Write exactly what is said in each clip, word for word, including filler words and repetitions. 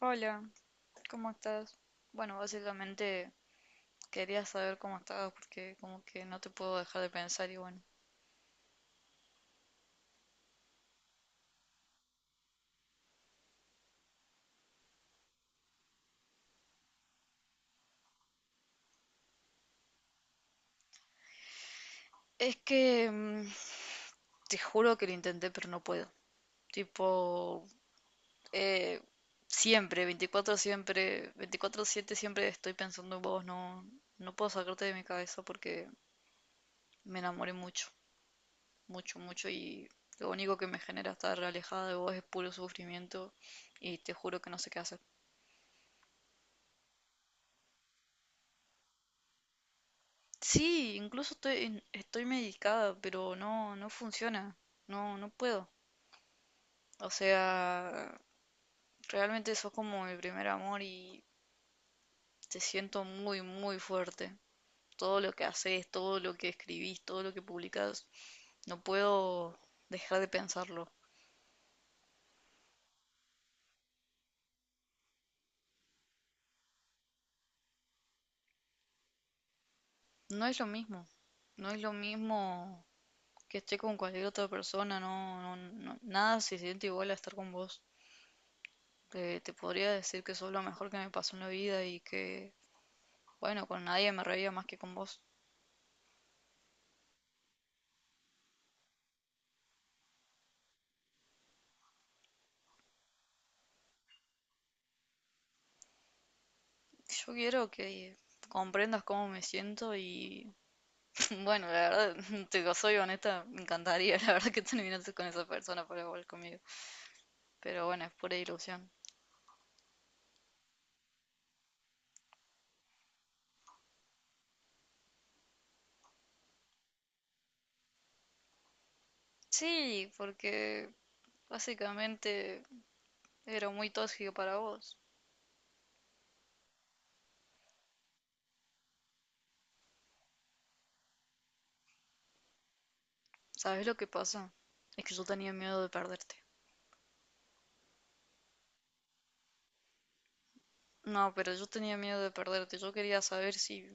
Hola, ¿cómo estás? Bueno, básicamente quería saber cómo estabas porque como que no te puedo dejar de pensar y bueno. Es que mm, te juro que lo intenté pero no puedo. Tipo, eh, siempre, veinticuatro siempre, veinticuatro siete siempre estoy pensando en vos, no, no puedo sacarte de mi cabeza porque me enamoré mucho, mucho, mucho, y lo único que me genera estar alejada de vos es puro sufrimiento, y te juro que no sé qué hacer. Sí, incluso estoy, en- estoy medicada, pero no, no funciona, no, no puedo. O sea, realmente sos como mi primer amor y te siento muy, muy fuerte. Todo lo que haces, todo lo que escribís, todo lo que publicás, no puedo dejar de pensarlo. No es lo mismo, no es lo mismo que esté con cualquier otra persona, no, no, no- nada se siente igual a estar con vos. Te, te podría decir que sos lo mejor que me pasó en la vida y que… Bueno, con nadie me reía más que con vos. Yo quiero que comprendas cómo me siento y bueno, la verdad, te digo, soy honesta, me encantaría, la verdad, que terminases con esa persona para volver conmigo. Pero bueno, es pura ilusión. Sí, porque básicamente era muy tóxico para vos. ¿Sabes lo que pasa? Es que yo tenía miedo de perderte. No, pero yo tenía miedo de perderte. Yo quería saber si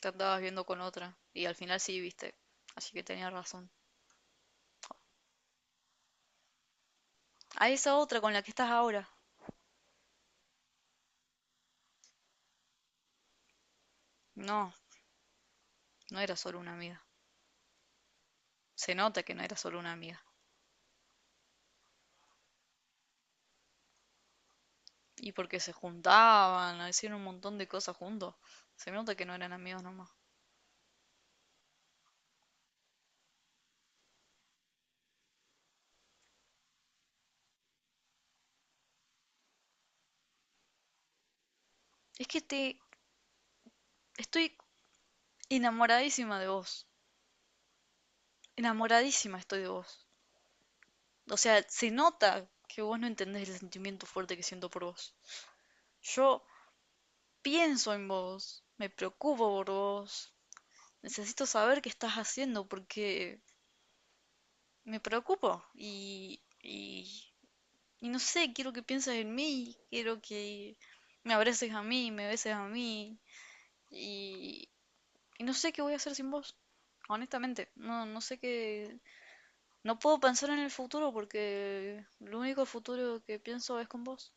te andabas viendo con otra. Y al final sí, viste. Así que tenía razón. A esa otra con la que estás ahora. No, no era solo una amiga. Se nota que no era solo una amiga. Y porque se juntaban, hacían un montón de cosas juntos. Se nota que no eran amigos nomás. Es que te estoy enamoradísima de vos. Enamoradísima estoy de vos. O sea, se nota que vos no entendés el sentimiento fuerte que siento por vos. Yo pienso en vos, me preocupo por vos. Necesito saber qué estás haciendo porque me preocupo y, y Y no sé, quiero que pienses en mí, quiero que me abraces a mí, me beses a mí. Y, y no sé qué voy a hacer sin vos, honestamente. No, no sé qué… No puedo pensar en el futuro porque lo único futuro que pienso es con vos.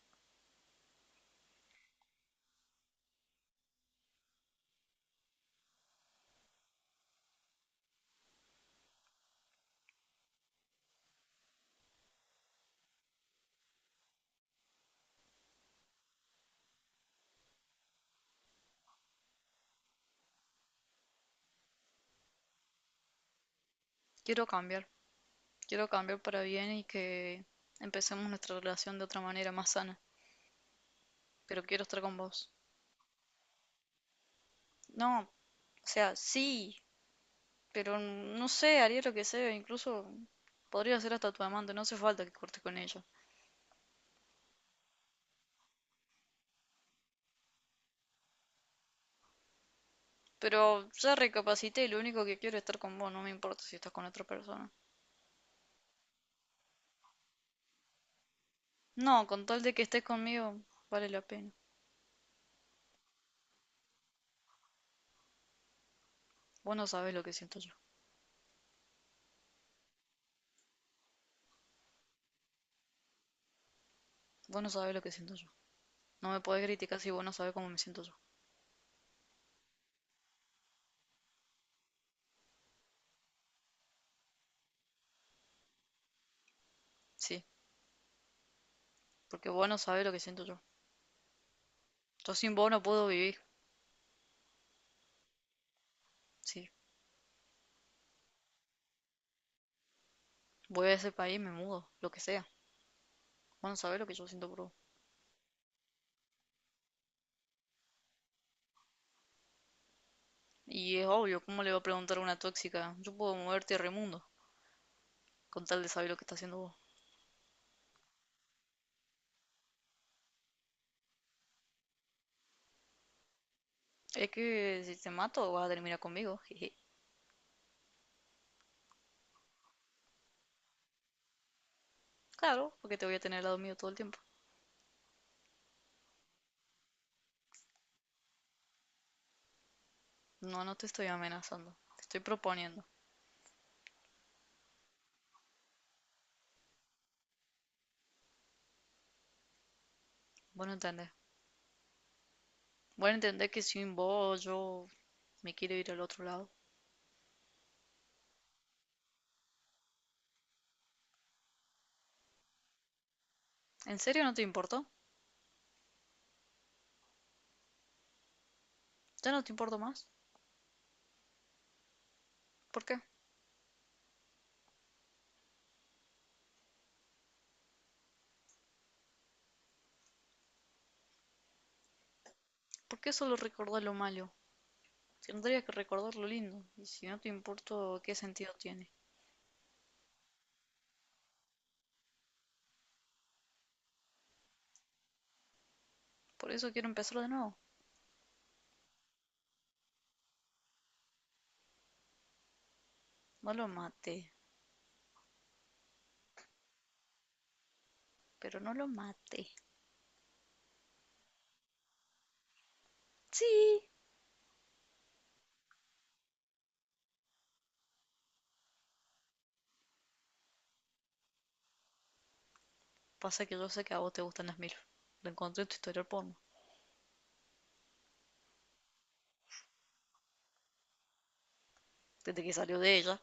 Quiero cambiar, quiero cambiar para bien y que empecemos nuestra relación de otra manera más sana. Pero quiero estar con vos. No, o sea, sí, pero no sé, haría lo que sea, incluso podría ser hasta tu amante, no hace falta que cortes con ella. Pero ya recapacité y lo único que quiero es estar con vos, no me importa si estás con otra persona. No, con tal de que estés conmigo, vale la pena. Vos no sabés lo que siento yo. Vos no sabés lo que siento yo. No me podés criticar si vos no sabés cómo me siento yo. Sí, porque vos no sabés lo que siento yo. Yo sin vos no puedo vivir. Sí, voy a ese país, me mudo, lo que sea. Vos no sabés lo que yo siento por vos. Y es obvio, ¿cómo le va a preguntar a una tóxica? Yo puedo moverte a remundo, con tal de saber lo que está haciendo vos. Es que si te mato, vas a terminar conmigo. Jeje. Claro, porque te voy a tener al lado mío todo el tiempo. No, no te estoy amenazando. Te estoy proponiendo. Vos no entendés. Vos no entendés que sin vos yo me quiero ir al otro lado. ¿En serio no te importó? ¿Ya no te importo más? ¿Por qué? ¿Por qué solo recordar lo malo? Tendrías que recordar lo lindo. Y si no te importo, ¿qué sentido tiene? Por eso quiero empezar de nuevo. No lo maté. Pero no lo maté. Sí. Pasa que yo sé que a vos te gustan las mil. Lo encontré en tu historial porno. Desde que salió de ella.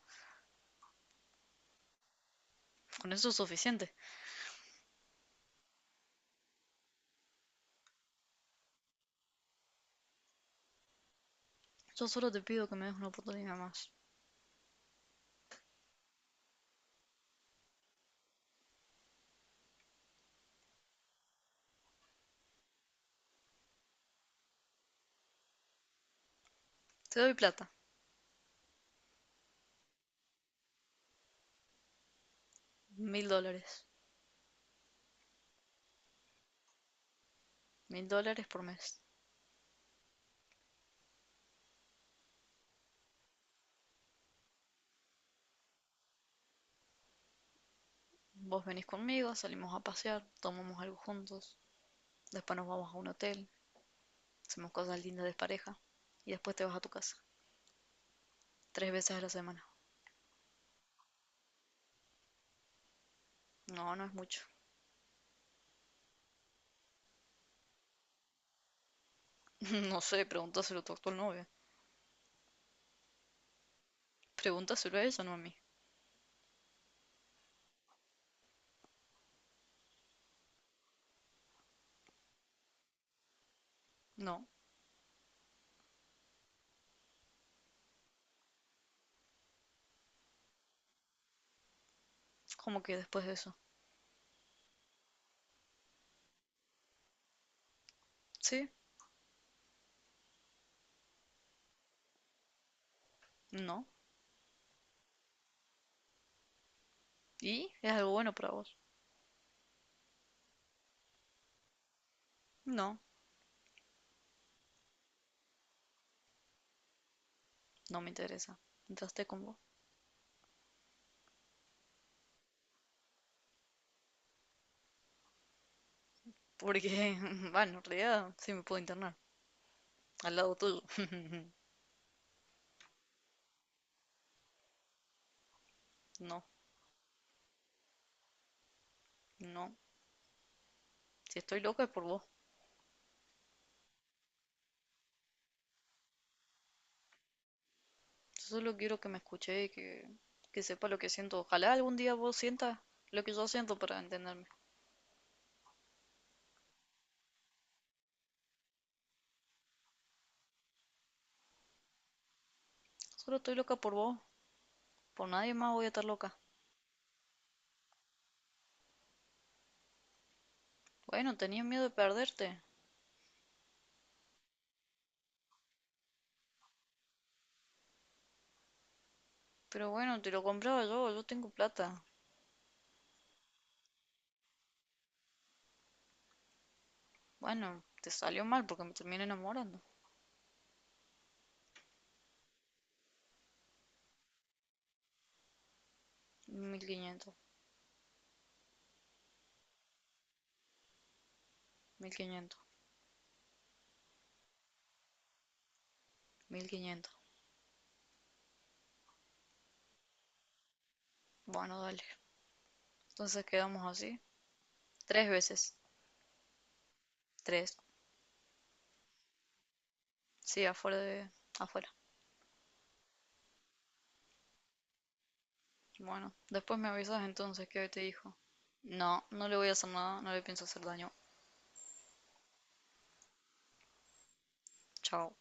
Con eso es suficiente. Yo solo te pido que me des una oportunidad más. Te doy plata. Mil dólares. Mil dólares por mes. Vos venís conmigo, salimos a pasear, tomamos algo juntos, después nos vamos a un hotel, hacemos cosas lindas de pareja y después te vas a tu casa, tres veces a la semana. No, no es mucho. No sé, pregúntaselo tú a tu actual novia. Pregúntaselo a ella, no a mí. No, ¿cómo que después de eso? Sí, no. ¿Y? ¿Es algo bueno para vos? No, no me interesa. Entraste con vos. Porque, bueno, en realidad sí me puedo internar. Al lado tuyo. No, no. Si estoy loca es por vos. Yo solo quiero que me escuche y que, que sepa lo que siento. Ojalá algún día vos sientas lo que yo siento para entenderme. Solo estoy loca por vos, por nadie más voy a estar loca. Bueno, tenías miedo de perderte, pero bueno, te lo compraba yo, yo tengo plata. Bueno, te salió mal porque me terminé enamorando. mil, mil quinientos Mil quinientos. Mil quinientos. Bueno, dale. Entonces quedamos así. Tres veces. Tres. Sí, afuera de… afuera. Bueno, después me avisas entonces qué te dijo. No, no le voy a hacer nada, no le pienso hacer daño. Chao.